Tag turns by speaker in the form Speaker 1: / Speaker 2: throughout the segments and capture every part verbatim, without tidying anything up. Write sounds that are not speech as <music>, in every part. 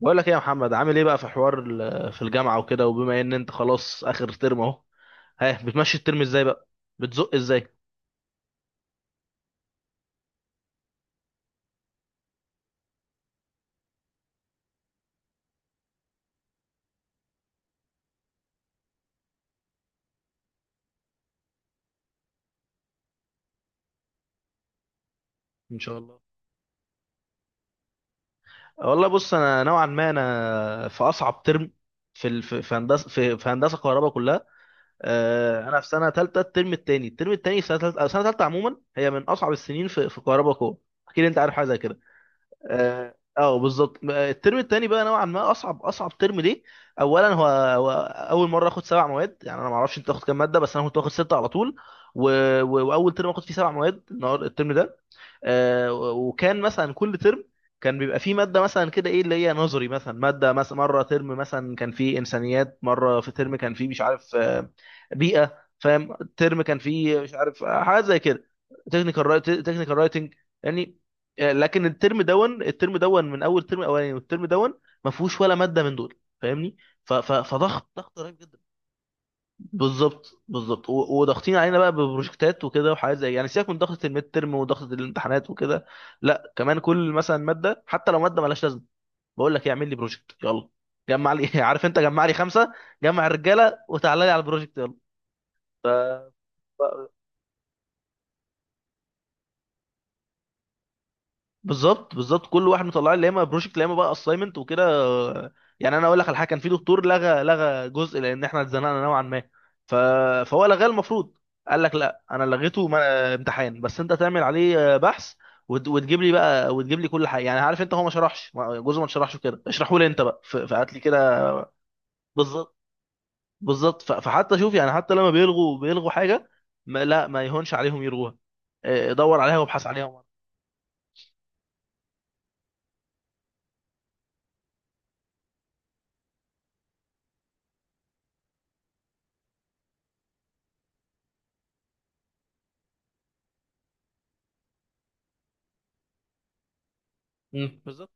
Speaker 1: بقول لك ايه يا محمد؟ عامل ايه بقى في حوار ال- في الجامعه وكده، وبما ان انت خلاص اخر ترم اهو، ها بتمشي الترم ازاي بقى؟ بتزق ازاي؟ ان شاء الله. والله بص، انا نوعا ما انا في اصعب ترم في ال- في في هندسه، في في هندسه كهرباء كلها. آه، انا في سنه ثالثه الترم الثاني. الترم الثاني في سنه ثالثه سنه ثالثه عموما هي من اصعب السنين في في كهرباء كلها. اكيد انت عارف حاجه زي كده. اه آه، بالظبط. آه، الترم التاني بقى نوعا ما اصعب اصعب ترم ليه؟ اولا هو, هو اول مره اخد سبع مواد. يعني انا ما اعرفش انت تاخد كام ماده، بس انا كنت واخد سته على طول، و... و... واول ترم اخد فيه سبع مواد النهار الترم ده. آه، وكان مثلا كل ترم كان بيبقى فيه ماده مثلا كده، ايه اللي هي نظري مثلا، ماده مثلا مره ترم مثلا كان فيه انسانيات، مره في ترم كان فيه مش عارف آه، بيئه، فاهم، ترم كان فيه مش عارف آه، حاجات زي كده، تكنيكال رايت تكنيكال رايتنج، يعني. آه، لكن الترم دون الترم دون من اول ترم اولاني والترم دون ما فيهوش ولا ماده من دول، فاهمني، ف- ف- فضغط ضغط رهيب جدا. بالظبط بالظبط، و- وضاغطين علينا بقى ببروجكتات وكده، وحاجات زي يعني سيبك من ضغطة الميد ترم وضغطة الامتحانات وكده. لا كمان كل مثلا مادة، حتى لو مادة مالهاش لازمة، بقول لك إيه، اعمل لي بروجكت يلا، جمع لي <laughs> عارف انت، جمع لي خمسة، جمع الرجالة وتعالى لي على البروجكت يلا. بالظبط بالظبط، كل واحد مطلع لي يا اما بروجكت يا اما بقى اساينمنت وكده. يعني انا اقول لك على حاجه، كان في دكتور لغى لغى جزء لان احنا اتزنقنا نوعا ما، ف... فهو لغاه. المفروض قال لك لا، انا لغيته ما... امتحان، بس انت تعمل عليه بحث وت... وتجيب لي بقى، وتجيب لي كل حاجه. يعني عارف انت، هو ما شرحش، ما- جزء ما شرحش كده، اشرحه لي انت بقى، ف... فهات لي كده. بالظبط بالظبط. ف... فحتى شوف يعني، حتى لما بيلغوا بيلغوا حاجه، ما... لا ما يهونش عليهم يلغوها، اه، دور عليها وابحث عليها. مم. بالظبط.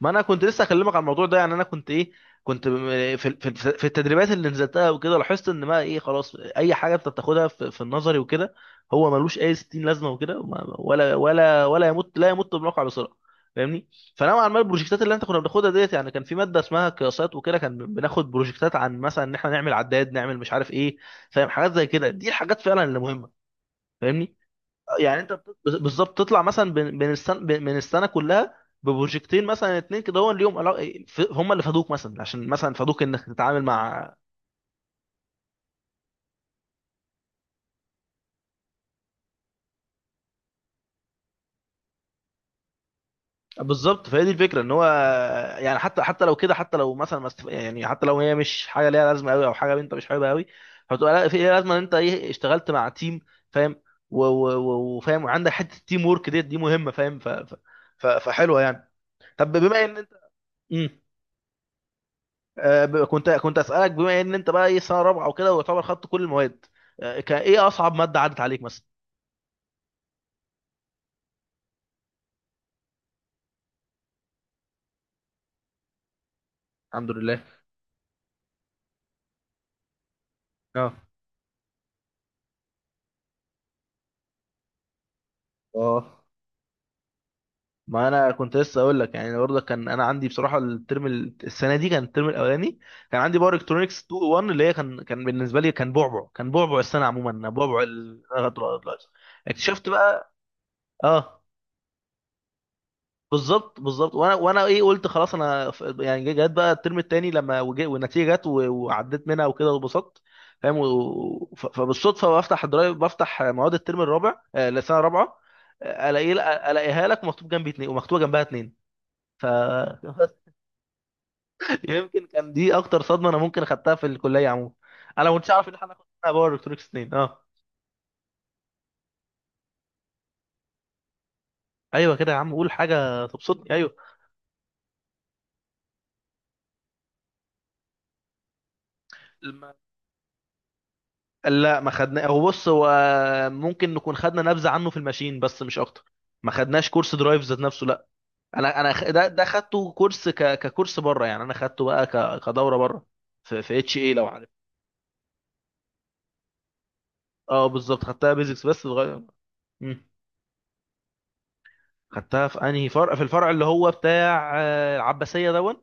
Speaker 1: ما انا كنت لسه اكلمك على الموضوع ده. يعني انا كنت ايه، كنت م- في في في التدريبات اللي نزلتها وكده، لاحظت ان ما ايه، خلاص، اي حاجه انت بتاخدها في, في النظري وكده، هو ملوش اي ستين لازمه وكده، وما- ولا ولا ولا يمت، لا يمت بالواقع بسرعه، فاهمني. فنوعا ما البروجكتات اللي انت كنا بناخدها ديت، يعني كان في ماده اسمها قياسات وكده، كان بناخد بروجكتات عن مثلا ان احنا نعمل عداد، نعمل مش عارف ايه، فاهم، حاجات زي كده، دي الحاجات فعلا اللي مهمه، فاهمني. يعني انت بت- بالظبط تطلع مثلا بين بين السنه، بين بين السنه كلها ببروجكتين مثلا اتنين كده هو ليهم علاقة- ف- هم اللي فادوك مثلا، عشان مثلا فادوك انك تتعامل مع، بالظبط. فهي دي الفكره، ان هو يعني، حتى حتى لو كده، حتى لو مثلا ما است- يعني حتى لو هي مش حاجه ليها لازمه قوي، او حاجه انت مش حاببها قوي، هتبقى لا في ليها لازمه ان انت ايه، اشتغلت مع تيم، فاهم، و- و- و- وفاهم، وعندك حته التيم ورك ديت، دي مهمه، فاهم، ف ف ف- فحلوه يعني. طب بما ان انت، مم. آه، ب- كنت كنت اسالك بما ان انت بقى ايه سنه رابعه وكده، ويعتبر خدت كل المواد، آه، كان ايه اصعب ماده عدت عليك مثلا؟ الحمد لله. اه اه ما انا كنت لسه اقول لك يعني، برضه كان انا عندي بصراحه، الترم ال- السنه دي كان الترم الاولاني، كان عندي باور الكترونكس اتنين واحد اللي هي، كان كان بالنسبه لي كان بعبع، كان بعبع السنه عموما، بعبع ال- اكتشفت بقى اه. بالظبط بالظبط. وانا وانا ايه قلت خلاص. انا ف- يعني جت بقى الترم التاني لما وجي- والنتيجه جت، و- وعديت منها وكده واتبسطت، فاهم. و- ف- فبالصدفه بفتح الدرايف، بفتح مواد الترم الرابع، آه، السنه الرابعه، آه، الاقي الاقيها لك مكتوب جنبي اتنين، ومكتوبه جنبها اتنين، ف <laughs> يمكن كان دي اكتر صدمه انا ممكن اخدتها في الكليه عموما. انا ما كنتش اعرف ان احنا هناخد باور الكترونكس اتنين، اه. ايوه كده يا عم، قول حاجه تبسطني، ايوه. لا، ما خدنا، هو بص، هو ممكن نكون خدنا نبذه عنه في الماشين، بس مش اكتر، ما خدناش كورس درايف ذات نفسه، لا. انا انا خ- ده ده خدته كورس، ك... ككورس بره، يعني انا خدته بقى ك... كدوره بره في في اتش اي، لو عارف. اه بالظبط، خدتها بيزكس بس صغير. مم. خدتها في انهي فرع؟ في الفرع اللي هو بتاع آه، العباسيه دون.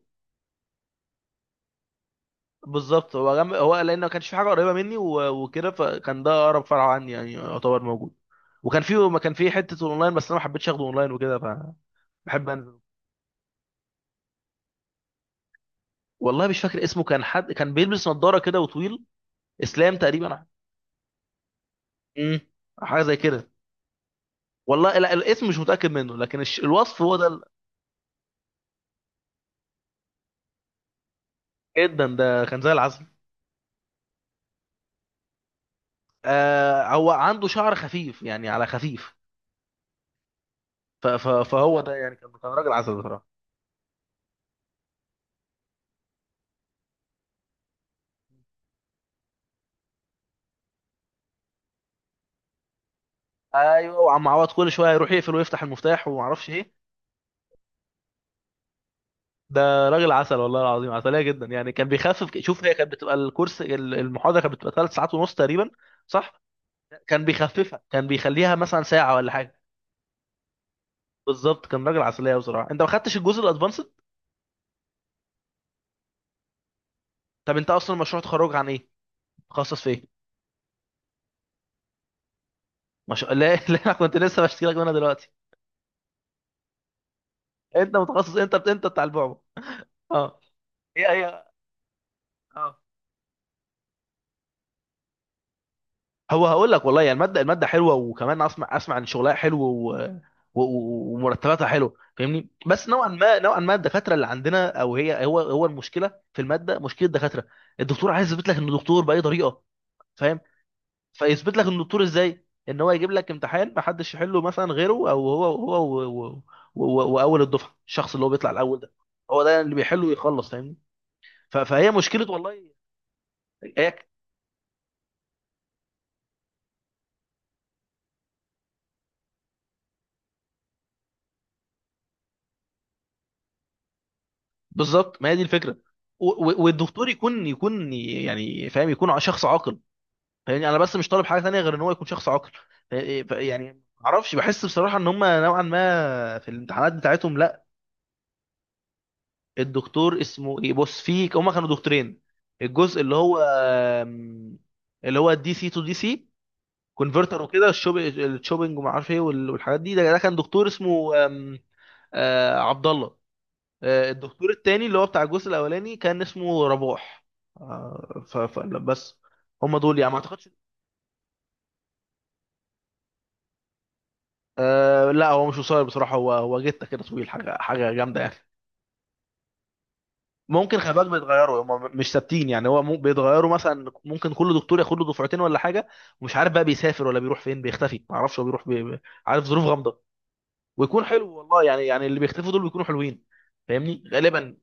Speaker 1: بالظبط، هو جنب، هو لان ما كانش في حاجه قريبه مني و... وكده، فكان ده اقرب فرع عني، يعني يعتبر موجود، وكان فيه، ما كان فيه حته اونلاين، بس انا ما حبيتش اخده اونلاين وكده، فبحب انزل. والله مش فاكر اسمه، كان حد كان بيلبس نظاره كده وطويل، اسلام تقريبا، امم حاجه زي كده. والله لا، الاسم مش متاكد منه، لكن الش... الوصف هو ده، ال- جدا، ده كان زي العسل. آه هو عنده شعر خفيف يعني، على خفيف. ف... ف... فهو ده يعني، كان كان راجل عسل بصراحه. ايوه، وعم عوض كل شويه يروح يقفل ويفتح المفتاح وما اعرفش ايه. ده راجل عسل والله العظيم، عسليه جدا يعني. كان بيخفف، ك- شوف هي كانت بتبقى الكورس، ال- المحاضره كانت بتبقى ثلاث ساعات ونص تقريبا، صح، كان بيخففها، كان بيخليها مثلا ساعه ولا حاجه. بالظبط، كان راجل عسليه بصراحه. انت ما خدتش الجزء الادفانسد؟ طب انت اصلا مشروع تخرج عن ايه؟ متخصص في ايه؟ مش... لا <laughs> لا، انا كنت لسه بشتكي لك منها دلوقتي. انت متخصص، انت انت بتاع البعبع، اه، هي هي، اه. هو هقول لك والله يعني، الماده، الماده حلوه، وكمان اسمع اسمع ان شغلها حلو، و... و... و- ومرتباتها حلوه، فاهمني، بس نوعا ما، نوعا ما الدكاتره اللي عندنا، او هي، هو هو المشكله في الماده، مشكله الدكاتره. الدكتور عايز يثبت لك انه دكتور باي طريقه، فاهم، فيثبت لك ان الدكتور ازاي، ان هو يجيب لك امتحان ما حدش يحله مثلا غيره، او هو هو، و- و- و- واول الدفعه الشخص اللي هو بيطلع الاول ده، هو ده اللي بيحله ويخلص، فاهمني، ف- فهي مشكله والله. هي ك- بالظبط، ما هي دي الفكره. و- و- والدكتور يكون، يكون يعني فاهم، يكون ع- شخص عاقل. يعني انا بس مش طالب حاجه ثانيه غير ان هو يكون شخص عاقل، ف- ف- يعني ما اعرفش، بحس بصراحه ان هم نوعا ما في الامتحانات بتاعتهم، لا. الدكتور اسمه ايه؟ بص، في، هما كانوا دكتورين. الجزء اللي هو آم، اللي هو دي سي تو دي سي كونفرتر وكده، الشوب الشوبينج وما اعرفش ايه وال- والحاجات دي، ده ده كان دكتور اسمه آم، آه، عبد الله. آه، الدكتور التاني اللي هو بتاع الجزء الاولاني كان اسمه رباح. آه، ف ف- لا، بس هما دول يعني، ما اعتقدش. آه، لا، هو مش قصير بصراحة، هو هو جته كده طويل، حاجة حاجة جامدة يعني. ممكن خلي بالك بيتغيروا، هم مش ثابتين يعني، هو مو- بيتغيروا. مثلا ممكن كل دكتور ياخد له دفعتين ولا حاجه، ومش عارف بقى، بيسافر ولا بيروح فين، بيختفي، ما اعرفش هو بيروح بي... بي- عارف، ظروف غامضه، ويكون حلو والله يعني، يعني اللي بيختفوا دول بيكونوا حلوين، فاهمني، غالبا.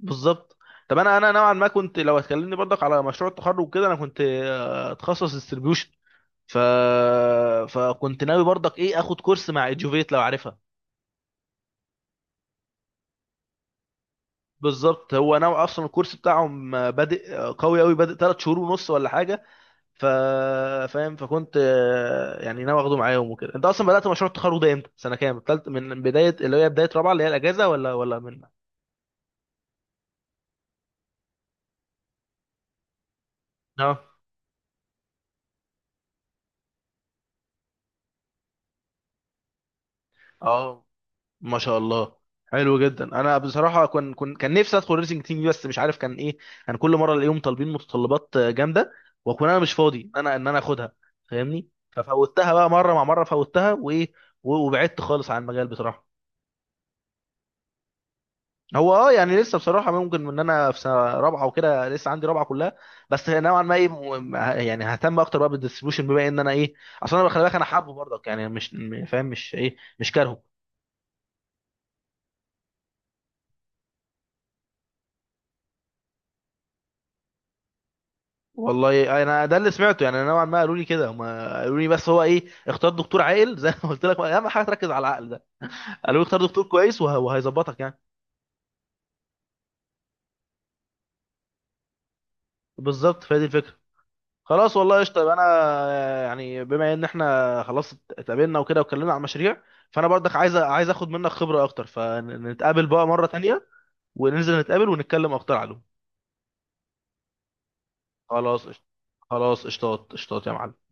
Speaker 1: بالظبط. طب انا، انا نوعا ما كنت، لو هتكلمني برضك على مشروع التخرج وكده، انا كنت آه، اتخصص ديستريبيوشن، ف فكنت ناوي برضك ايه، اخد كورس مع ادجوفيت، لو عارفها. بالظبط، هو نوع اصلا الكورس بتاعهم آه، بادئ آه، قوي قوي، بادئ ثلاث شهور ونص ولا حاجه، ف فاهم، فكنت آه، يعني ناوي اخده معاهم وكده. انت اصلا بدات مشروع التخرج ده امتى؟ سنه كام؟ تالت من بدايه، اللي هي بدايه رابعه، اللي هي الاجازه، ولا ولا من، اه اه، ما شاء الله، حلو جدا. انا بصراحه كان، كان كان نفسي ادخل ريسنج تيم دي، بس مش عارف كان ايه، كان كل مره الاقيهم طالبين متطلبات جامده، واكون انا مش فاضي ان انا، ان انا اخدها، فاهمني، ففوتها بقى مره، مع مره فوتها وايه، و- وبعدت خالص عن المجال بصراحه. هو اه يعني لسه بصراحه، ممكن ان انا في سنه رابعه وكده، لسه عندي رابعه كلها، بس نوعا ما ايه، م- يعني ههتم اكتر بقى بالديستريبيوشن، بما ان انا ايه، اصل انا خلي بالك، انا حابه برضك يعني، مش م- فاهم مش ايه، مش كارهه. والله انا ده اللي سمعته يعني، نوعا ما قالوا لي كده، هم قالوا لي بس هو ايه، اختار دكتور عاقل <laughs> زي ما قلت لك، اهم حاجه تركز على العقل ده، قالوا لي اختار دكتور كويس وه- وهيظبطك يعني. بالظبط، فهي دي الفكره. خلاص والله قشطه، يبقى انا آه، يعني، بما ان احنا خلاص اتقابلنا وكده واتكلمنا عن مشاريع، فانا برضك عايز، عايز اخد منك خبره اكتر، فنتقابل بقى مره تانية، وننزل نتقابل ونتكلم اكتر عليهم. خلاص قشطه، خلاص، قشطات قشطات يا معلم.